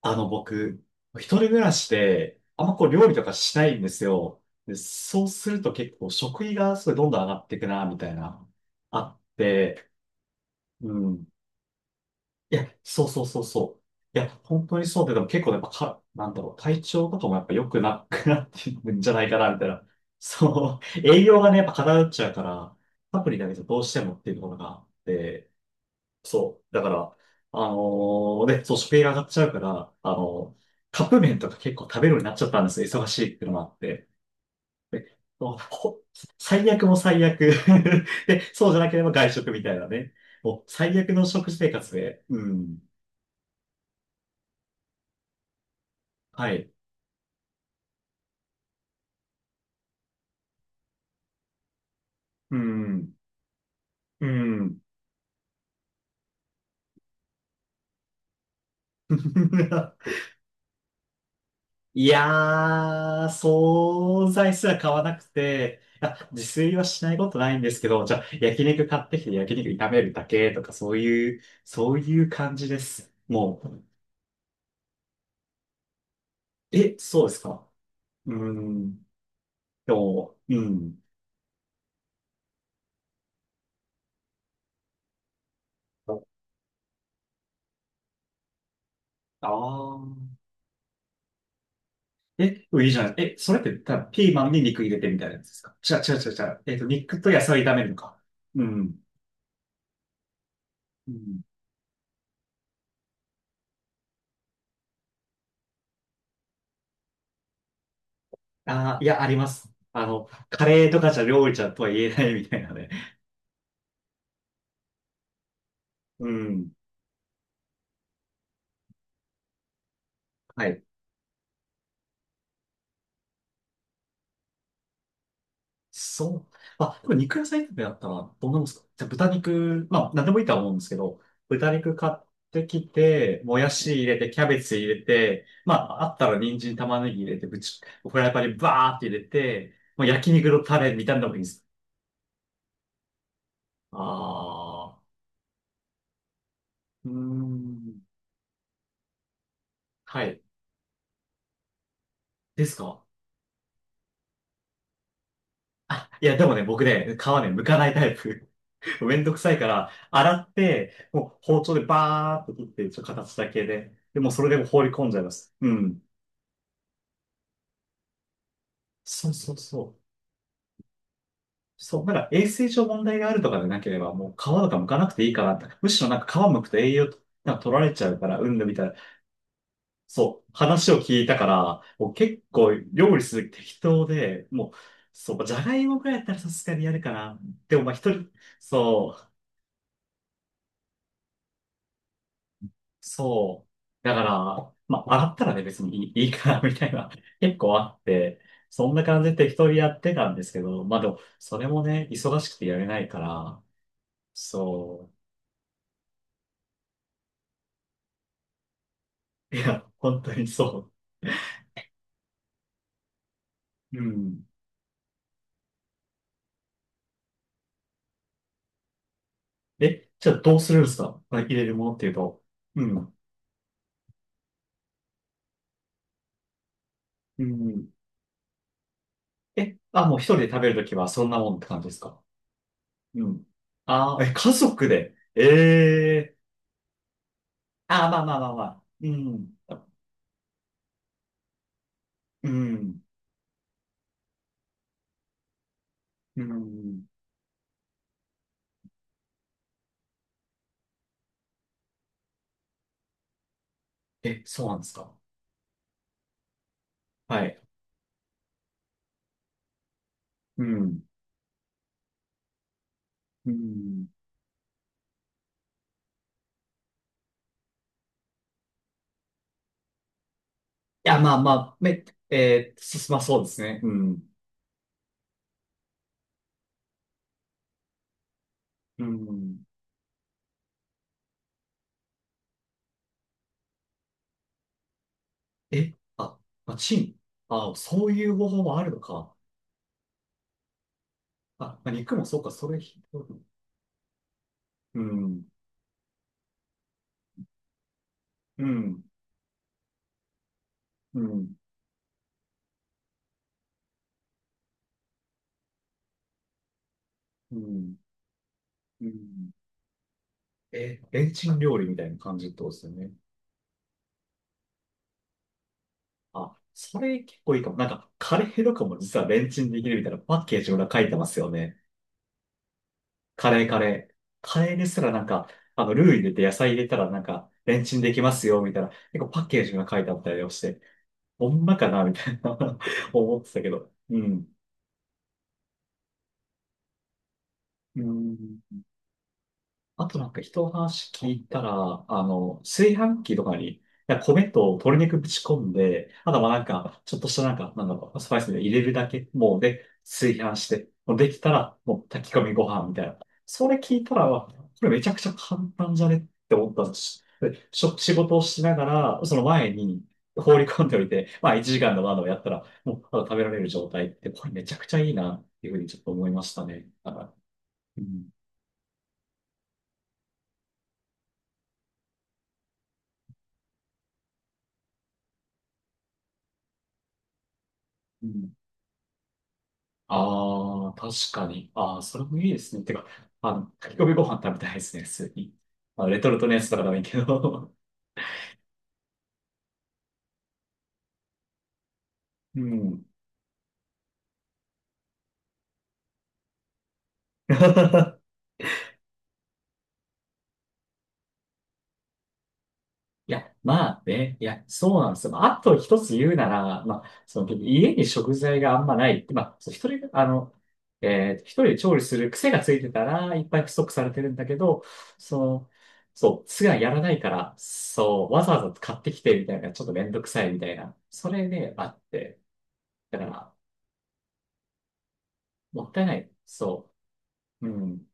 僕、一人暮らしで、あんまこう料理とかしないんですよ。で、そうすると結構食費がすごいどんどん上がっていくな、みたいな、あって、うん。いや、そうそうそうそう。いや、本当にそうで、でも結構やっぱか、なんだろう、体調とかもやっぱ良くなくなってるんじゃないかな、みたいな。そう、栄養がね、やっぱ偏っちゃうから、サプリだけじゃどうしてもっていうところがあって、そう。だから、あのそう、食費が上がっちゃうから、カップ麺とか結構食べるようになっちゃったんですよ。忙しいっていうのもあって。でほほ最悪も最悪。 で、そうじゃなければ外食みたいなね。もう最悪の食生活で。うん。はい。うん。うん。いやー、惣菜すら買わなくて、あ、自炊はしないことないんですけど、じゃあ、焼肉買ってきて焼肉炒めるだけとか、そういう感じです。もう、え、そうですか。うーん、でも、うん。あー。え、いいじゃない。え、それって、ただピーマンに肉入れてみたいなやつですか？違う違う違う違う。肉と野菜炒めるのか。うん。うん。あー、いや、あります。あの、カレーとかじゃ料理じゃとは言えないみたいなね。うん。はい。そう。まあ、でも肉野菜炒めだったらどんなもんですか？じゃあ豚肉、まあ、なんでもいいとは思うんですけど、豚肉買ってきて、もやし入れて、キャベツ入れて、まあ、あったら人参、玉ねぎ入れて、ぶち、フライパンにバーって入れて、もう焼肉のタレみたいなのもいいです。ああ、うーん。はい。ですか？いや、でもね、僕ね、皮ね、剥かないタイプ。めんどくさいから、洗って、もう包丁でバーって切って、ちょっと形だけで。でもうそれでも放り込んじゃいます。うん。そうそうそう。そう、まだから衛生上問題があるとかでなければ、もう皮とか剥かなくていいかなって。むしろなんか皮剥くと栄養となんか取られちゃうから、うんぬみたいな。そう、話を聞いたから、もう結構料理する時適当で、もう、そう、じゃがいもくらいやったらさすがにやるかな。でもまあ一人、そう、そう。だから、まあ洗ったらね、別にいいかな、みたいな。結構あって、そんな感じで適当にやってたんですけど、まあでも、それもね、忙しくてやれないから、そう。いや、本当にそう。うん。え、じゃあどうするんですか？入れるものっていうと。うん。うん。え、あ、もう一人で食べるときはそんなもんって感じですか？うん。ああ、え、家族で。ええー、ああ、まあまあまあまあ。うん。うん。うん。え、そうなんですか？はい。うん。うん。いや、まあまあ、め、えー、進まそうですね。うん。うん。え、あ、まあ、チン。あ、そういう方法もあるのか。あ、まあ肉もそうか、それひどい。うん、うん、うん、うん、うん。え、レンチン料理みたいな感じってことですよね。あ、それ結構いいかも。なんか、カレーとかも実はレンチンできるみたいなパッケージ裏書いてますよね。カレーカレー。カレーですらなんか、あの、ルー入れて野菜入れたらなんか、レンチンできますよ、みたいな。結構パッケージが書いてあったりをして、ほんまかな、みたいな 思ってたけど。うん。うん。あとなんか人の話聞いたら、あの、炊飯器とかに、いや米と鶏肉ぶち込んで、あとはなんか、ちょっとしたなんか、なんだろう、スパイスで入れるだけ、もうで、炊飯して、もうできたら、もう炊き込みご飯みたいな。それ聞いたら、わこれめちゃくちゃ簡単じゃねって思ったんです。で、しょ仕事をしながら、その前に放り込んでおいて、まあ1時間の窓をやったら、もうただ食べられる状態って、これめちゃくちゃいいなっていうふうにちょっと思いましたね。だからうんうんああ、確かに。ああ、それもいいですね。てか、あの、炊き込みご飯食べたいですね、普通に。まあ、レトルトのやつとかでもいいけど。うん。いや、まあね、いや、そうなんですよ。まあ、あと一つ言うなら、まあ、その、家に食材があんまない。まあ、そう一人が、あの、えー一人で調理する癖がついてたら、いっぱい不足されてるんだけど、その、そう、すがやらないから、そう、わざわざ買ってきてみたいな、ちょっとめんどくさいみたいな、それね、あって。だから、もったいない。そう。うん。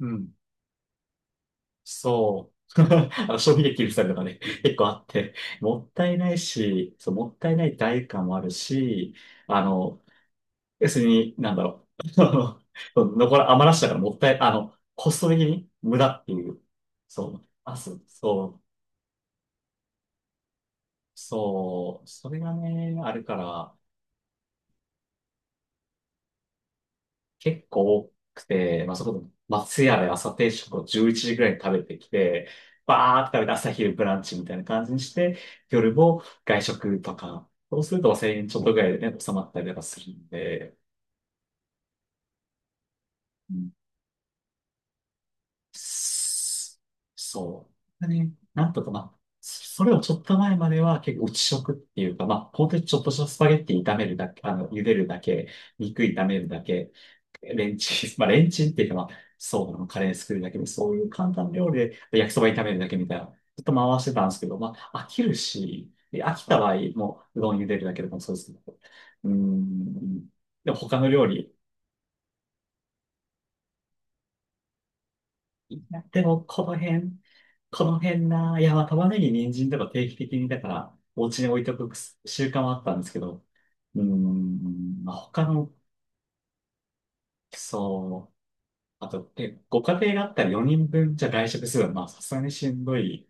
うん。そう。あの、賞味期限切るたりとかね、結構あって、もったいないし、そう、もったいない代価もあるし、あの、要するに、なんだろう。あの残ら、余らしたからもったい、あの、コスト的に無駄っていう。そう。そう。それがね、あるから、結構多くて、まあ、そこ、松屋で朝定食を11時ぐらいに食べてきて、バーって食べて朝昼ブランチみたいな感じにして、夜も外食とか、そうすると1000円ちょっとぐらいでね、収まったりとかするんで、うんすそう。ね、なんとかまあ、それをちょっと前までは結構内食っていうか、まあ、本当にちょっとしたスパゲッティ炒めるだけ、あの、茹でるだけ、肉炒めるだけ、レンチン、まあレンチンっていうかまあ、そうなの、カレー作るだけで、そういう簡単な料理で焼きそば炒めるだけみたいな、ずっと回してたんですけど、まあ飽きるし、で飽きた場合、もううどん茹でるだけでもそうですけど、うーん、でも他の料理、いやでもこの辺、この辺な、いや、まあ、玉ねぎ、人参とか定期的に、だから、お家に置いておく習慣はあったんですけど、うーん、まあ、他の、そうあと、で、ご家庭があったら4人分じゃ外食するのは、まあ、さすがにしんどい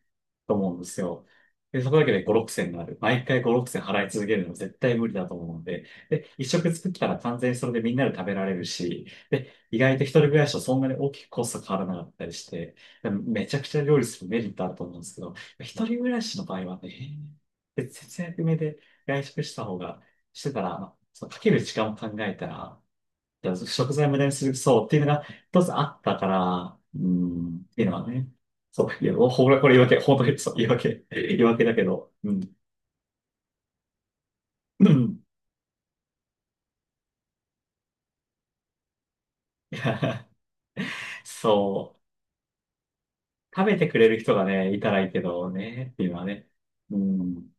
と思うんですよ。で、そこだけで5、6千になる。毎回5、6千払い続けるのは絶対無理だと思うので、で、一食作ったら完全にそれでみんなで食べられるし、で、意外と一人暮らしとそんなに大きくコスト変わらなかったりして、でめちゃくちゃ料理するメリットあると思うんですけど、一人暮らしの場合はね、で節約目で外食した方が、してたら、まあそのかける時間を考えたら、で食材無駄にする、そう、っていうのが一つあったから、うん、っていうのはね。そう、いや、ほら、これ言い訳、本当に、言い訳だけど、うん。うんいや そう、食べてくれる人がね、いたらいいけどね、っていうのはね。うん。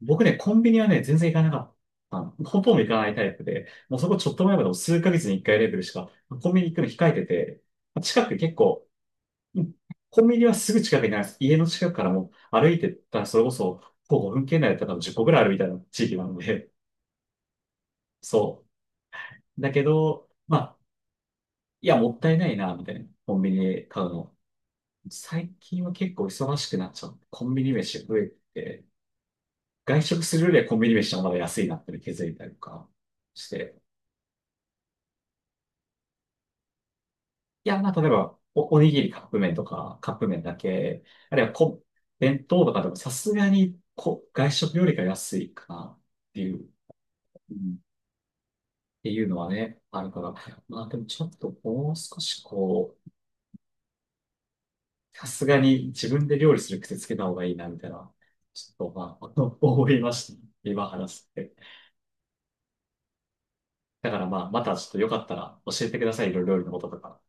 僕ね、コンビニはね、全然行かなかった。ほとんど行かないタイプで、もうそこちょっと前までも数ヶ月に一回レベルしか、コンビニ行くの控えてて、近く結構、うん、コンビニはすぐ近くにあります。家の近くからもう歩いてったら、それこそ、徒歩5分圏内だったら多分10個ぐらいあるみたいな地域なので、そう。だけど、まあ、いや、もったいないな、みたいな。コンビニで買うの。最近は結構忙しくなっちゃう。コンビニ飯増えて、外食するよりはコンビニ飯の方が安いなって気づいたりとかして。いや、まあ、例えば、お、おにぎりカップ麺とか、カップ麺だけ、あるいはこ、弁当とかでもさすがにこ、外食よりか安いかな。っていううんっていうのはね、あるから。まあでもちょっともう少しこう、さすがに自分で料理する癖つけた方がいいな、みたいな、ちょっとまあ、思いました。今話して。だからまあ、またちょっとよかったら教えてください、いろいろ料理のこととか。